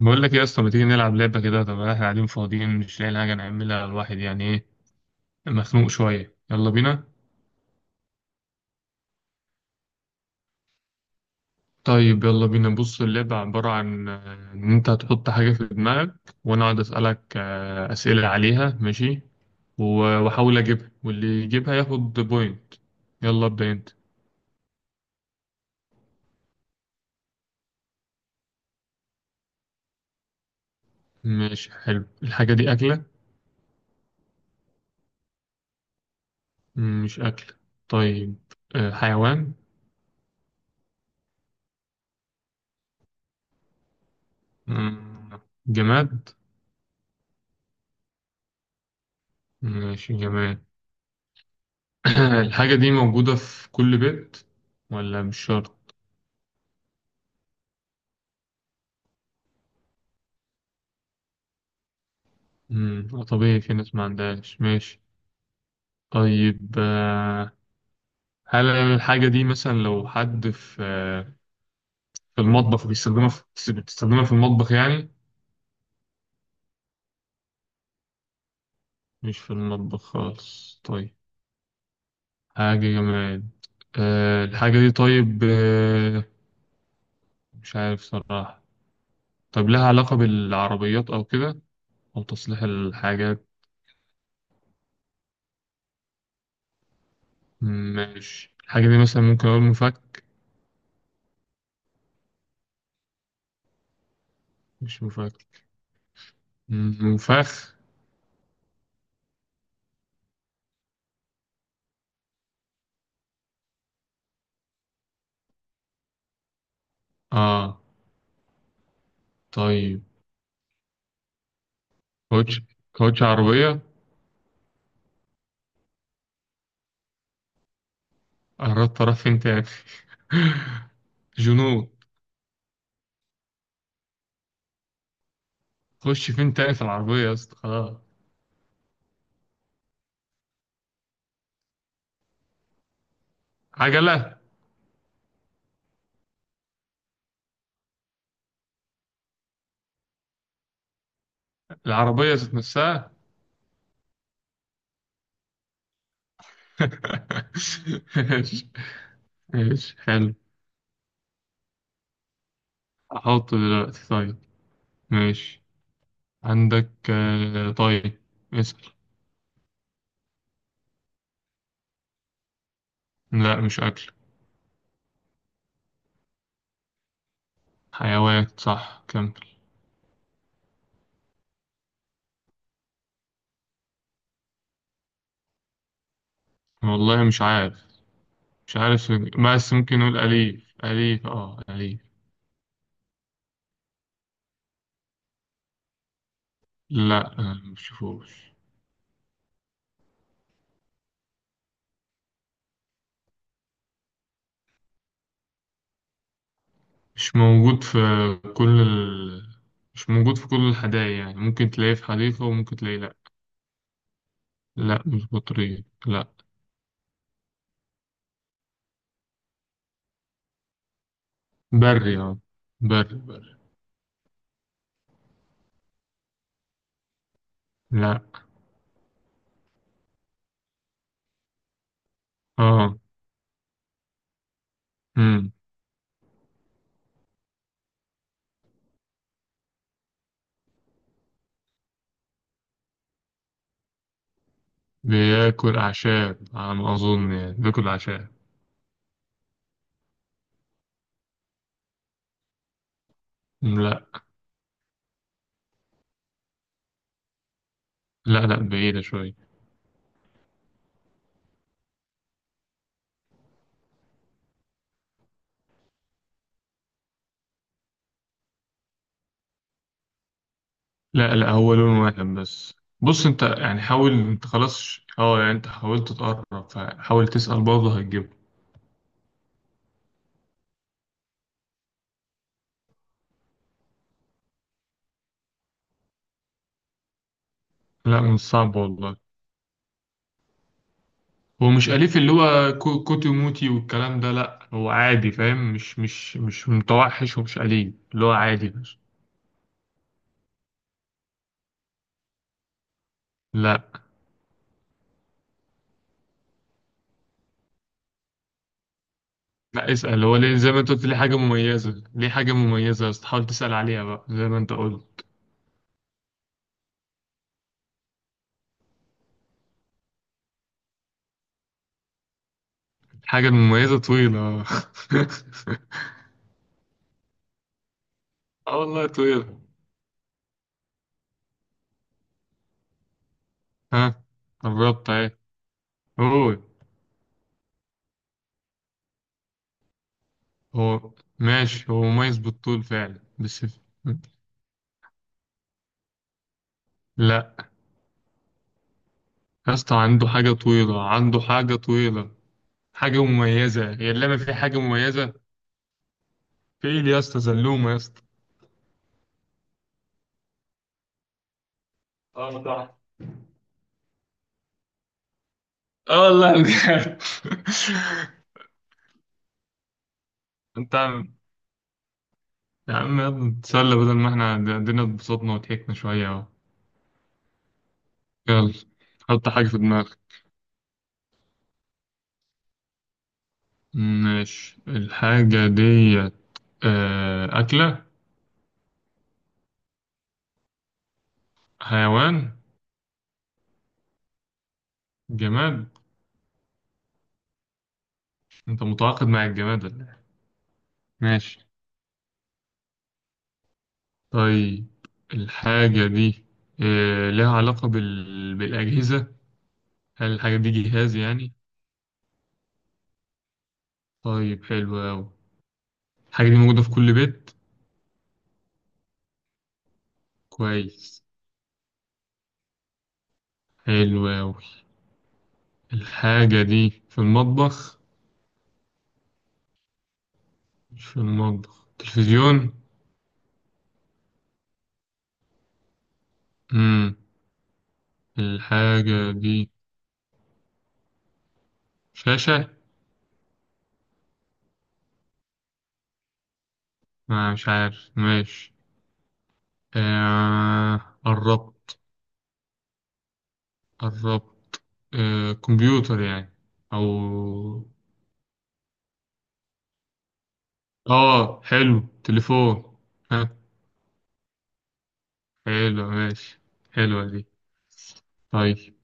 بقول لك إيه يا اسطى؟ ما تيجي نلعب لعبة كده. طب احنا قاعدين فاضيين، مش لاقيين حاجة نعملها. الواحد يعني ايه، مخنوق شوية. يلا بينا. طيب يلا بينا. بص، اللعبة عبارة عن ان انت هتحط حاجة في دماغك، وانا اقعد اسألك اسئلة عليها. ماشي. و- واحاول اجيبها، واللي يجيبها ياخد بوينت. يلا ابدأ انت. ماشي، حلو. الحاجة دي أكلة؟ مش أكلة. طيب، حيوان؟ مم، جماد؟ ماشي، جماد. الحاجة دي موجودة في كل بيت ولا مش شرط؟ مم. طبيعي، في ناس ما عندهاش. ماشي. طيب هل الحاجة دي مثلا لو حد في في المطبخ بيستخدمها، في بتستخدمها في المطبخ يعني؟ مش في المطبخ خالص. طيب، حاجة جماد. أه الحاجة دي، طيب أه مش عارف صراحة. طب لها علاقة بالعربيات أو كده، أو تصليح الحاجات؟ ماشي. الحاجة دي مثلا ممكن أقول مفك؟ مش مفك. مفاخ؟ اه طيب، كوتش؟ كوتش عربية؟ قربت، اروح فين تاني؟ جنود؟ خش فين تاني في العربية يا اسطى، خلاص. عجلة؟ العربية ذات نفسها؟ ماشي، ماشي حلو. احطه دلوقتي، طيب. ماشي، عندك طيب. اسأل. لا، مش اكل. حيوان، صح، كمل. والله مش عارف، مش عارف. بس ممكن نقول أليف، أليف، اه أليف. لا مش شوفوش. مش موجود في كل ال... مش موجود في كل الحدائق يعني، ممكن تلاقيه في حديقة وممكن تلاقيه لأ. لأ مش بطريق، لأ. بري، اه. بري، بري. لأ. اه. مم. بياكل أعشاب على ما أظن، يعني بياكل أعشاب. لأ لأ لأ، بعيدة شوية. لأ هو لون واحد بس. بص أنت يعني، حاول أنت خلاص، اه يعني أنت حاولت تقرب، فحاول تسأل برضه هتجيبه. لأ مش صعب والله. هو مش أليف اللي هو كوتي موتي والكلام ده، لأ هو عادي، فاهم؟ مش متوحش ومش أليف، اللي هو عادي بس. لأ لأ، اسأل. هو ليه زي ما أنت قلت، ليه حاجة مميزة، ليه حاجة مميزة، بس تحاول تسأل عليها بقى زي ما أنت قلت. الحاجة المميزة طويلة. اه والله طويلة. ها؟ قربت اهي. هو، هو، ماشي. هو مميز بالطول فعلا بس. لأ يا اسطى، عنده حاجة طويلة، عنده حاجة طويلة، حاجة مميزة، هي اللعبة فيها حاجة مميزة. في ايه يا اسطى، زلومه يا اسطى. اه صح. اه والله بجد. انت عم، يا عم يلا نتسلى بدل ما احنا الدنيا، اتبسطنا وضحكنا شويه اهو. يلا، حط حاجه في دماغك. ماشي، الحاجه ديت اكله؟ حيوان؟ جماد؟ انت متعاقد مع الجماد ولا إيه؟ ماشي، طيب. الحاجه دي لها بالاجهزه؟ هل الحاجه دي جهاز يعني؟ طيب حلو قوي. الحاجه دي موجوده في كل بيت؟ كويس، حلو أوي. الحاجة دي في المطبخ؟ مش في المطبخ. تلفزيون؟ مم. الحاجة دي شاشة؟ آه مش عارف، ماشي. آه قربت، قربت. آه كمبيوتر يعني، أو؟ آه حلو، تليفون؟ ها؟ حلو، ماشي، حلوة دي. طيب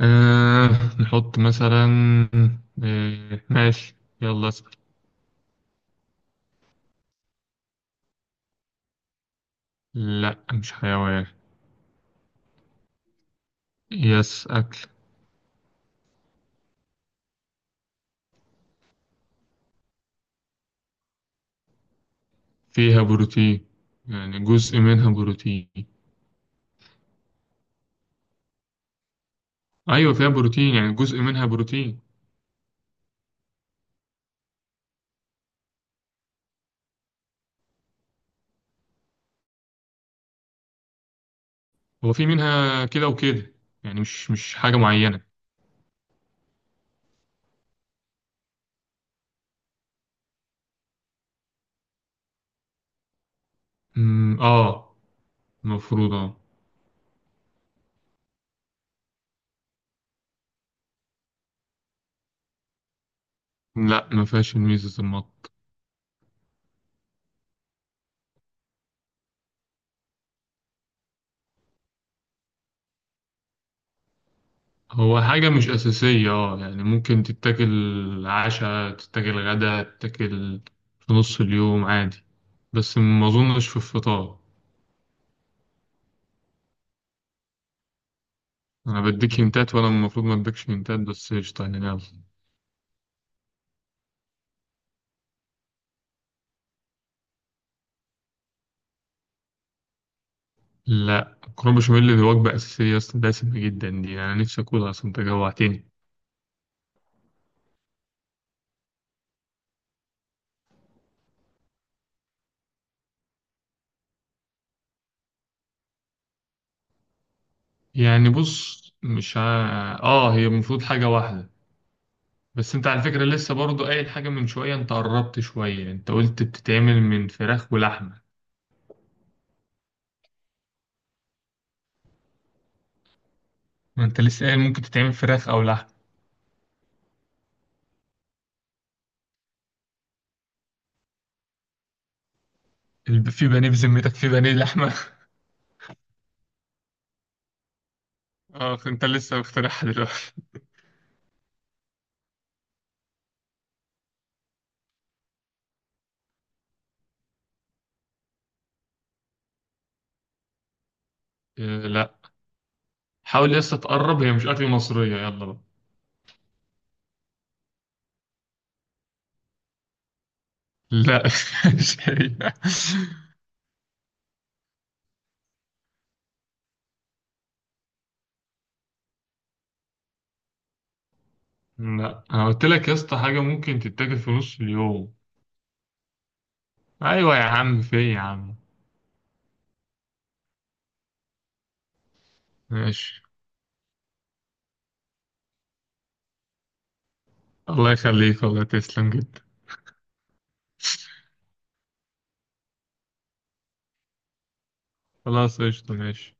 آه نحط مثلا ماشي، يلا. لا مش حيوان. يس، أكل. فيها بروتين، يعني جزء منها بروتين. أيوة فيها بروتين، يعني جزء منها بروتين. هو في منها كده وكده، يعني مش حاجة معينة. آه، المفروض آه. لا ما فيهاش ميزة المط. هو حاجة مش أساسية آه، يعني ممكن تتاكل عشاء، تتاكل غدا، تتاكل في نص اليوم عادي. بس ما أظنش في الفطار. أنا بديك هنتات وأنا المفروض ما أديكش هنتات، بس قشطة يعني يلا. لا مكرونة بشاميل دي وجبة أساسية أصلا، دسمة جدا دي، أنا نفسي أكلها أصلا، أنت جوعتني. يعني بص، مش ع... آه هي المفروض حاجة واحدة. بس أنت على فكرة لسه برضو قايل حاجة من شوية، أنت قربت شوية، أنت قلت بتتعمل من فراخ ولحمة. ما أنت لسه قايل ممكن تتعمل فراخ أو لحمة. في بانيه بذمتك؟ في بانيه لحمة؟ آه أنت لسه مخترعها دلوقتي. آه لا، حاول لسه تقرب، هي مش أكل مصرية، يلا بقى. لا مش هي. لا انا قلت لك يا اسطى، حاجه ممكن تتاكل في نص اليوم. ايوه يا عم، في إيه يا عم. ماشي، الله يخليك، والله تسلم جدا. خلاص قشطه، ماشي.